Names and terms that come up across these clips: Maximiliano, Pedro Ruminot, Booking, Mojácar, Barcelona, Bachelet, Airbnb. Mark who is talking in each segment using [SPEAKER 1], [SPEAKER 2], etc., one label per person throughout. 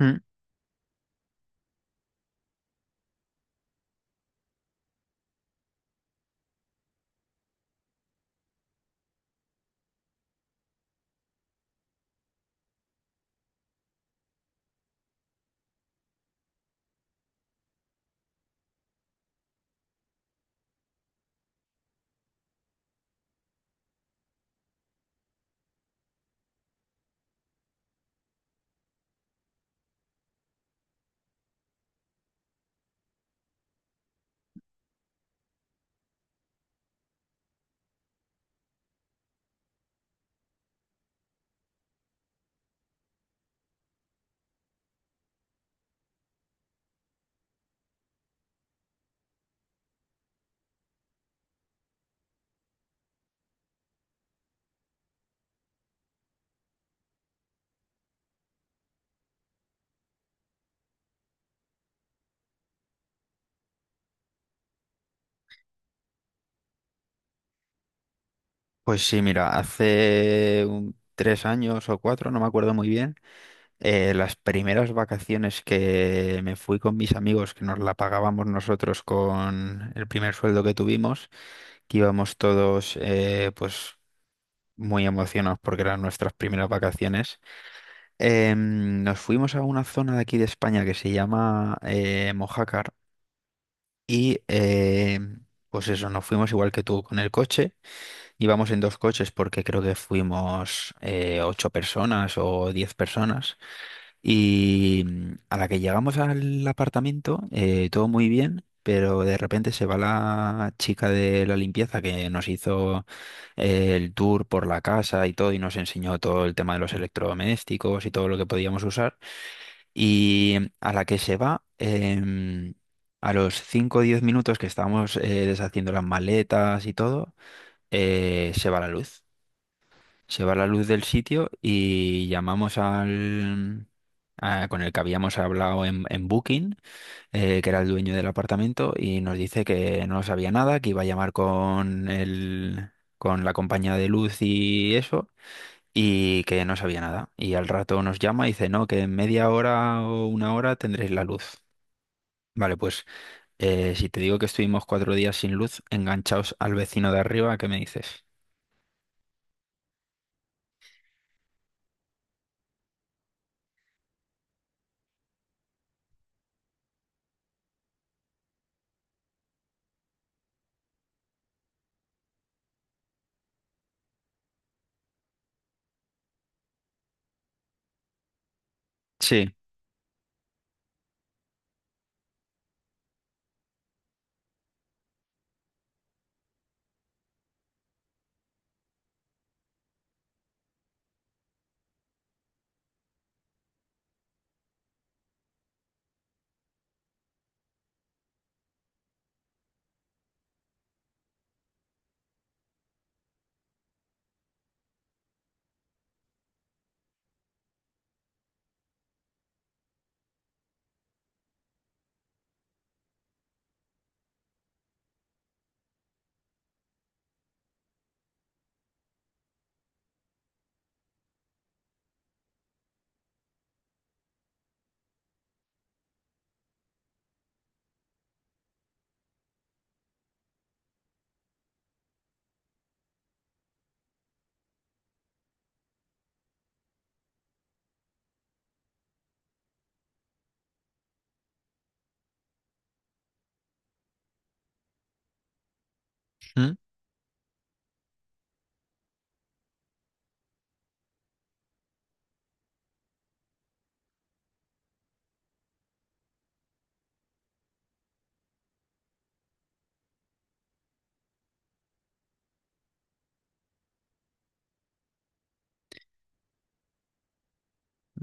[SPEAKER 1] Mm. Pues sí, mira, hace tres años o cuatro, no me acuerdo muy bien. Las primeras vacaciones que me fui con mis amigos, que nos la pagábamos nosotros con el primer sueldo que tuvimos, que íbamos todos, pues muy emocionados porque eran nuestras primeras vacaciones. Nos fuimos a una zona de aquí de España que se llama, Mojácar, y pues eso, nos fuimos igual que tú con el coche. Íbamos en dos coches porque creo que fuimos, ocho personas o diez personas. Y a la que llegamos al apartamento, todo muy bien, pero de repente se va la chica de la limpieza que nos hizo, el tour por la casa y todo, y nos enseñó todo el tema de los electrodomésticos y todo lo que podíamos usar. Y a la que se va... a los 5 o 10 minutos que estábamos, deshaciendo las maletas y todo, se va la luz. Se va la luz del sitio y llamamos al... con el que habíamos hablado en Booking, que era el dueño del apartamento, y nos dice que no sabía nada, que iba a llamar con con la compañía de luz y eso, y que no sabía nada. Y al rato nos llama y dice, no, que en media hora o una hora tendréis la luz. Vale, pues, si te digo que estuvimos cuatro días sin luz, enganchaos al vecino de arriba, ¿qué me dices? Sí. ¿Mm?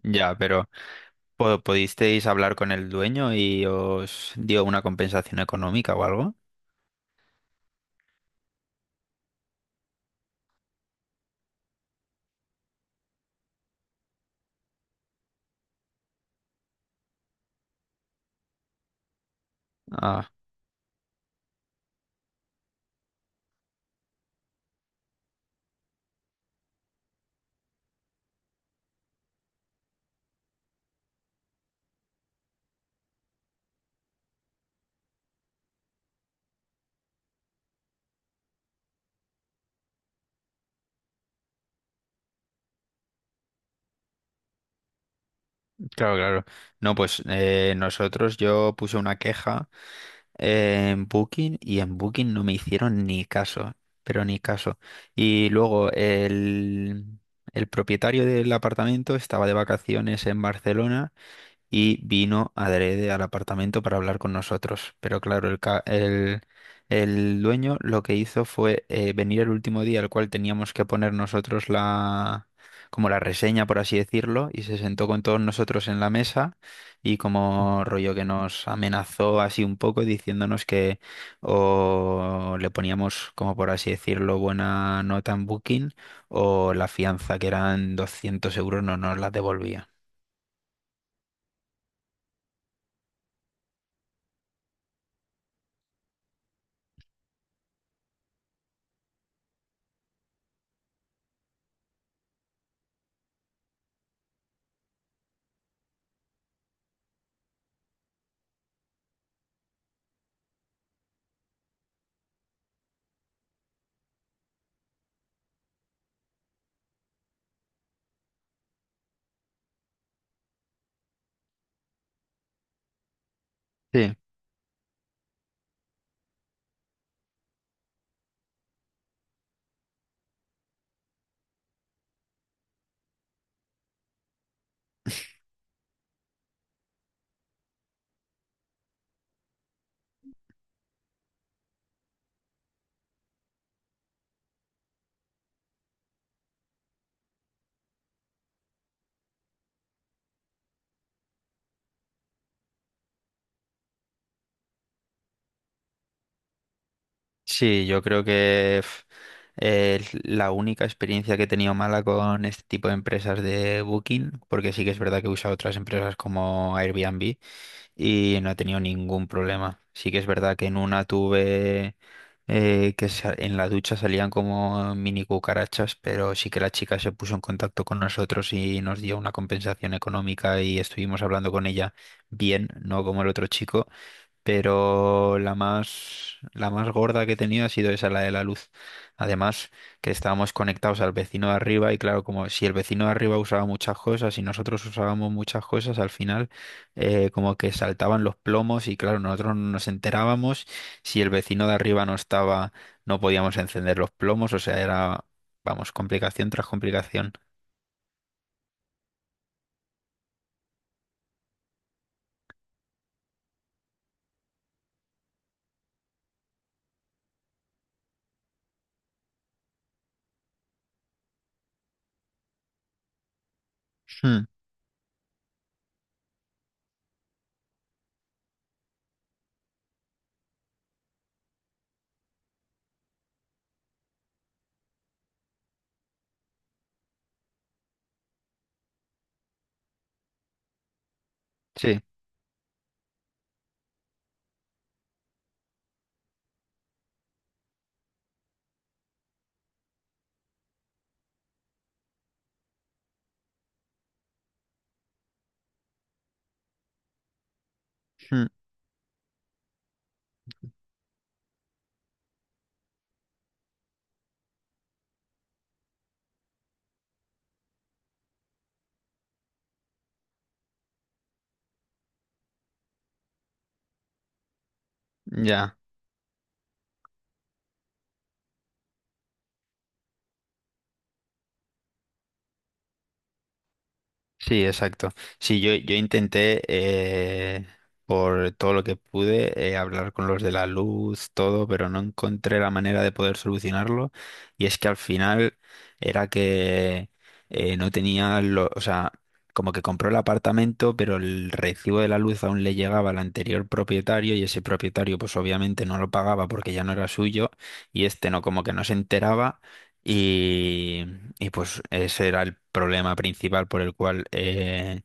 [SPEAKER 1] Ya, pero... ¿pudisteis hablar con el dueño y os dio una compensación económica o algo? Ah, claro, claro. No, pues, nosotros yo puse una queja en Booking y en Booking no me hicieron ni caso, pero ni caso. Y luego el propietario del apartamento estaba de vacaciones en Barcelona y vino adrede al apartamento para hablar con nosotros. Pero claro, el, ca- el dueño lo que hizo fue, venir el último día al cual teníamos que poner nosotros como la reseña, por así decirlo, y se sentó con todos nosotros en la mesa, y como rollo que nos amenazó así un poco, diciéndonos que o le poníamos, como por así decirlo, buena nota en Booking, o la fianza, que eran 200 euros, no nos la devolvía. Sí. Sí, yo creo que es la única experiencia que he tenido mala con este tipo de empresas de Booking, porque sí que es verdad que he usado otras empresas como Airbnb y no he tenido ningún problema. Sí que es verdad que en una tuve, en la ducha salían como mini cucarachas, pero sí que la chica se puso en contacto con nosotros y nos dio una compensación económica y estuvimos hablando con ella bien, no como el otro chico. Pero la más gorda que he tenido ha sido esa, la de la luz. Además, que estábamos conectados al vecino de arriba, y claro, como si el vecino de arriba usaba muchas cosas y nosotros usábamos muchas cosas, al final, como que saltaban los plomos, y claro, nosotros no nos enterábamos. Si el vecino de arriba no estaba, no podíamos encender los plomos, o sea, era, vamos, complicación tras complicación. Hmm. Sí. Hmm. Ya. Sí, exacto. Sí, yo intenté, por todo lo que pude, hablar con los de la luz, todo, pero no encontré la manera de poder solucionarlo. Y es que al final era que, no tenía, o sea, como que compró el apartamento, pero el recibo de la luz aún le llegaba al anterior propietario, y ese propietario pues obviamente no lo pagaba porque ya no era suyo, y este no, como que no se enteraba, y pues ese era el problema principal por el cual,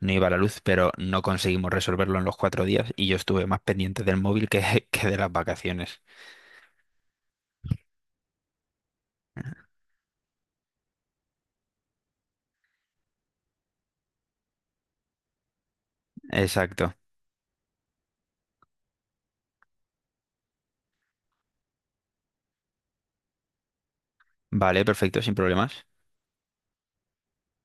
[SPEAKER 1] no iba la luz, pero no conseguimos resolverlo en los cuatro días, y yo estuve más pendiente del móvil que de las vacaciones. Exacto. Vale, perfecto, sin problemas.